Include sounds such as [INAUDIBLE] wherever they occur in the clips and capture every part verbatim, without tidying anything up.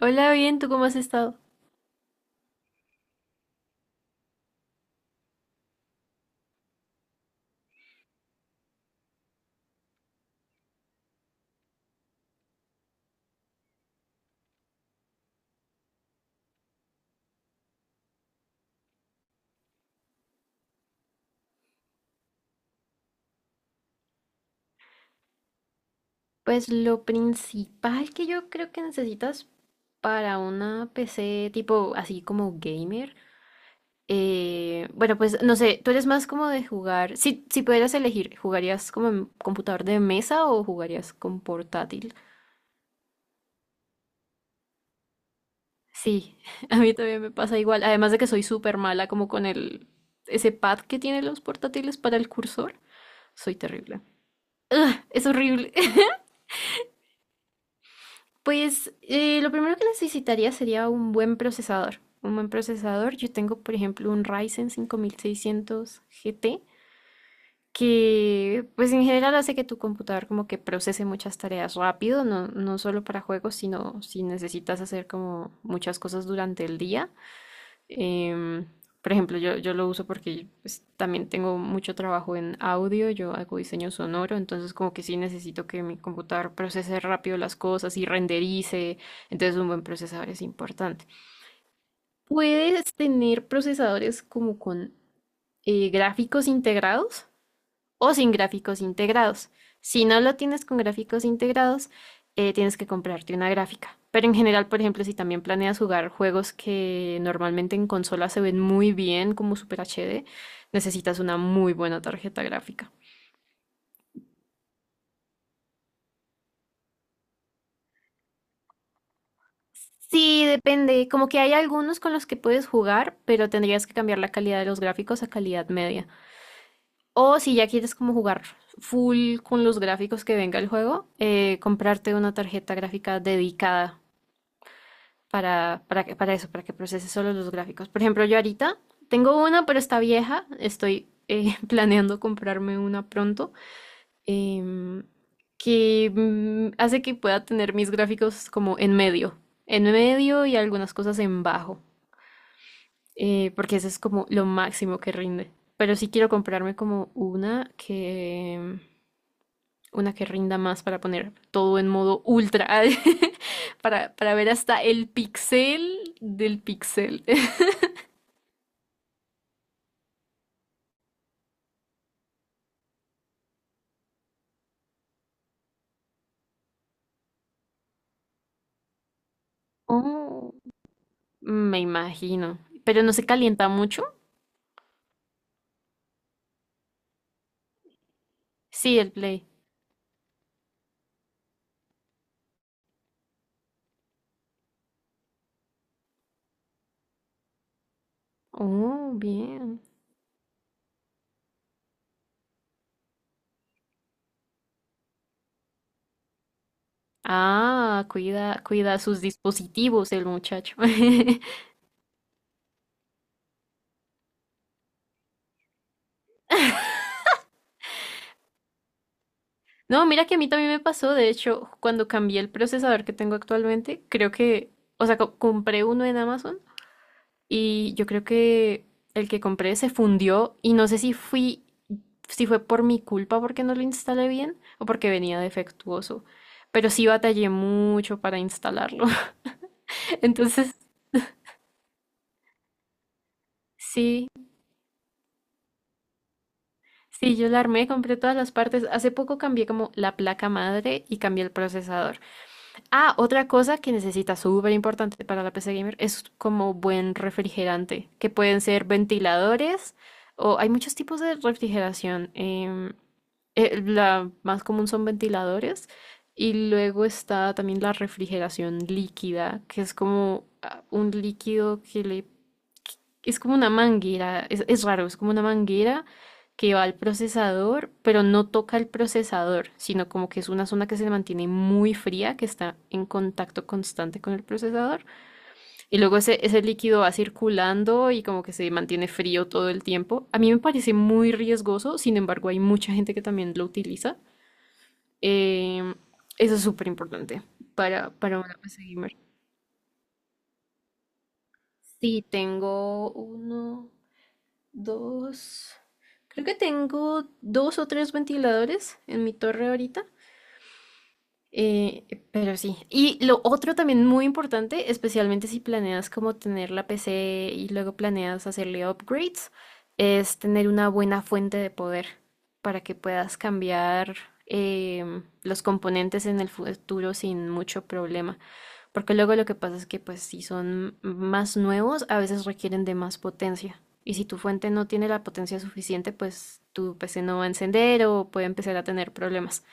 Hola, bien, ¿tú cómo has estado? Pues lo principal que yo creo que necesitas para una P C tipo así como gamer, eh, bueno, pues no sé, tú eres más como de jugar, si, si pudieras elegir, ¿jugarías como en computador de mesa o jugarías con portátil? Sí, [LAUGHS] a mí también me pasa igual, además de que soy súper mala como con el, ese pad que tienen los portátiles para el cursor, soy terrible. Es horrible. Pues eh, lo primero que necesitaría sería un buen procesador. Un buen procesador. Yo tengo, por ejemplo, un Ryzen cinco mil seiscientos G T que, pues en general hace que tu computador como que procese muchas tareas rápido, no, no solo para juegos, sino si necesitas hacer como muchas cosas durante el día. Em, por ejemplo, yo, yo lo uso porque, pues, también tengo mucho trabajo en audio, yo hago diseño sonoro, entonces como que sí necesito que mi computador procese rápido las cosas y renderice, entonces un buen procesador es importante. ¿Puedes tener procesadores como con eh, gráficos integrados? O sin gráficos integrados. Si no lo tienes con gráficos integrados, eh, tienes que comprarte una gráfica. Pero en general, por ejemplo, si también planeas jugar juegos que normalmente en consola se ven muy bien como Super H D, necesitas una muy buena tarjeta gráfica. Sí, depende. Como que hay algunos con los que puedes jugar, pero tendrías que cambiar la calidad de los gráficos a calidad media. O si ya quieres como jugar full con los gráficos que venga el juego, eh, comprarte una tarjeta gráfica dedicada para, para, que- para eso, para que procese solo los gráficos. Por ejemplo, yo ahorita tengo una, pero está vieja. Estoy eh, [LAUGHS] planeando comprarme una pronto, em, que mm, hace que pueda tener mis gráficos como en medio, en medio y algunas cosas en bajo, eh, porque eso es como lo máximo que rinde. Pero sí quiero comprarme como una que... Una que rinda más para poner todo en modo ultra, [LAUGHS] para, para ver hasta el pixel del pixel. [LAUGHS] Oh, me imagino. Pero no se calienta mucho. Sí, el Play. Oh, bien. Ah, cuida, cuida sus dispositivos el muchacho. [LAUGHS] No, mira que a mí también me pasó. De hecho, cuando cambié el procesador que tengo actualmente, creo que, o sea, co- compré uno en Amazon y yo creo que el que compré se fundió y no sé si fui, si fue por mi culpa porque no lo instalé bien o porque venía defectuoso. Pero sí batallé mucho para instalarlo. Entonces, sí, sí, yo la armé, compré todas las partes. Hace poco cambié como la placa madre y cambié el procesador. Ah, otra cosa que necesita súper importante para la P C gamer es como buen refrigerante, que pueden ser ventiladores o hay muchos tipos de refrigeración. Em, eh, la más común son ventiladores y luego está también la refrigeración líquida, que es como ah, un líquido que le es como una manguera, es, es raro, es como una manguera que va al procesador, pero no toca el procesador, sino como que es una zona que se mantiene muy fría, que está en contacto constante con el procesador. Y luego ese, ese líquido va circulando y como que se mantiene frío todo el tiempo. A mí me parece muy riesgoso, sin embargo hay mucha gente que también lo utiliza. Eh, Eso es súper importante para, para una P C gamer. Sí, tengo uno, dos, creo que tengo dos o tres ventiladores en mi torre ahorita. Eh, pero sí. Y lo otro también muy importante, especialmente si planeas como tener la P C y luego planeas hacerle upgrades, es tener una buena fuente de poder para que puedas cambiar em, los componentes en el futuro sin mucho problema. Porque luego lo que pasa es que, pues, si son más nuevos, a veces requieren de más potencia. Y si tu fuente no tiene la potencia suficiente, pues tu P C no va a encender o puede empezar a tener problemas.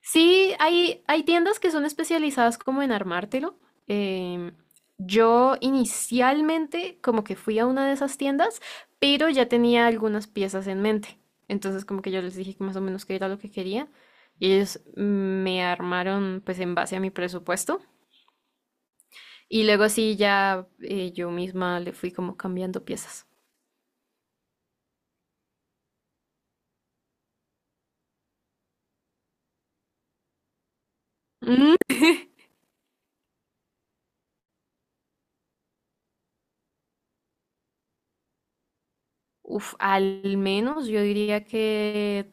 Sí, hay, hay tiendas que son especializadas como en armártelo. Em, yo inicialmente como que fui a una de esas tiendas, pero ya tenía algunas piezas en mente. Entonces como que yo les dije que más o menos qué era lo que quería y ellos me armaron pues en base a mi presupuesto. Y luego sí, ya eh, yo misma le fui como cambiando piezas. Mm, uf, al menos, yo diría que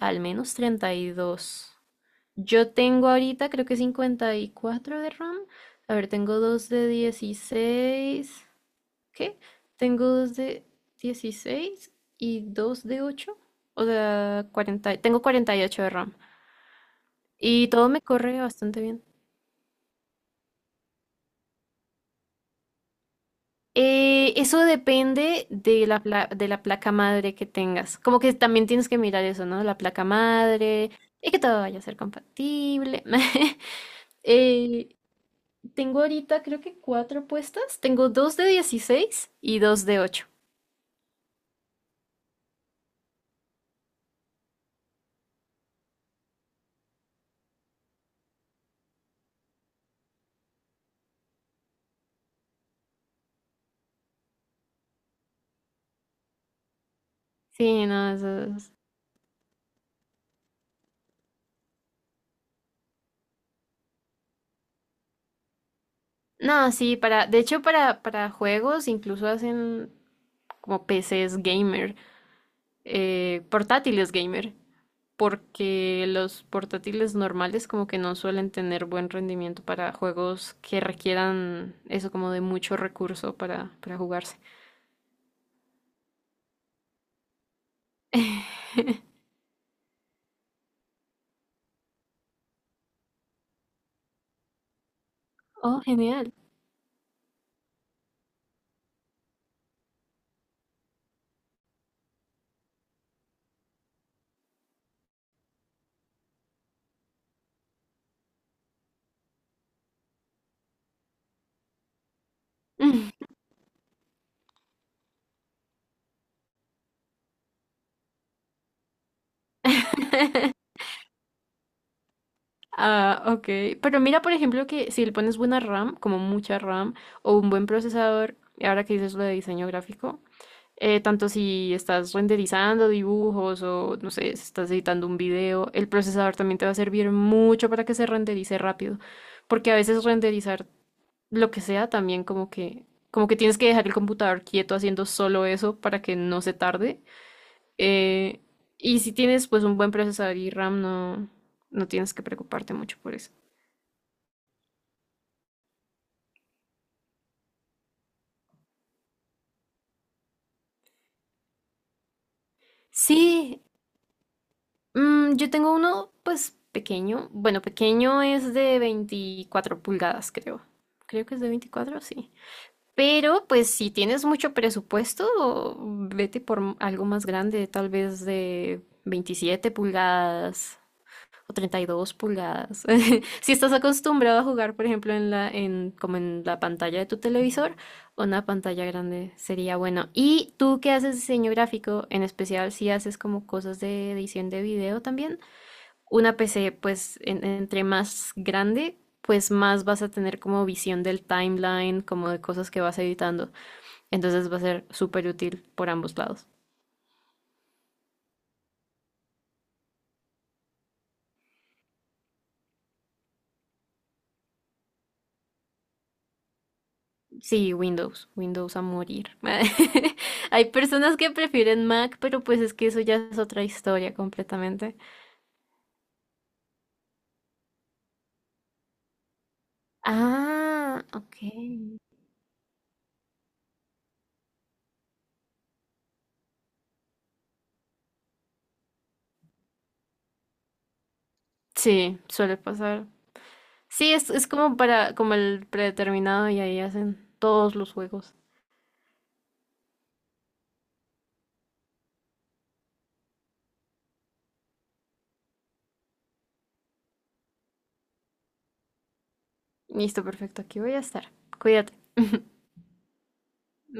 al menos treinta y dos. Yo tengo ahorita creo que cincuenta y cuatro de RAM. A ver, tengo dos de dieciséis. ¿Qué? Tengo dos de dieciséis y dos de ocho. O sea, cuarenta, tengo cuarenta y ocho de RAM. Y todo me corre bastante bien. Eh, eso depende de la, pla- de la placa madre que tengas. Como que también tienes que mirar eso, ¿no? La placa madre, y que todo vaya a ser compatible. [LAUGHS] Eh, Tengo ahorita creo que cuatro puestas. Tengo dos de dieciséis y dos de ocho. Sí, no, eso es... No, sí, para... De hecho, para, para juegos incluso hacen como P Cs gamer, eh, portátiles gamer. Porque los portátiles normales como que no suelen tener buen rendimiento para juegos que requieran eso como de mucho recurso para, para jugarse. Oh, genial. [LAUGHS] Ah, ok. Pero mira, por ejemplo, que si le pones buena RAM, como mucha RAM, o un buen procesador, y ahora que dices lo de diseño gráfico, eh, tanto si estás renderizando dibujos o, no sé, si estás editando un video, el procesador también te va a servir mucho para que se renderice rápido. Porque a veces renderizar lo que sea, también como que, como que tienes que dejar el computador quieto haciendo solo eso para que no se tarde. Eh, y si tienes pues un buen procesador y RAM, no, no tienes que preocuparte mucho por eso. Sí, mm, yo tengo uno pues pequeño. Bueno, pequeño es de veinticuatro pulgadas, creo. Creo que es de veinticuatro, sí. Pero pues si tienes mucho presupuesto, vete por algo más grande, tal vez de veintisiete pulgadas, o treinta y dos pulgadas. [LAUGHS] Si estás acostumbrado a jugar, por ejemplo, en la, en, como en la pantalla de tu televisor, una pantalla grande sería bueno. ¿Y tú que haces diseño gráfico, en especial si haces como cosas de edición de video también? Una P C, pues, en- entre más grande, pues más vas a tener como visión del timeline, como de cosas que vas editando. Entonces va a ser súper útil por ambos lados. Sí, Windows, Windows a morir. [LAUGHS] Hay personas que prefieren Mac, pero pues es que eso ya es otra historia completamente. Ah, ok. Sí, suele pasar. Sí, es, es como para, como el predeterminado y ahí hacen todos los juegos. Listo, perfecto, aquí voy a estar. Cuídate. [LAUGHS]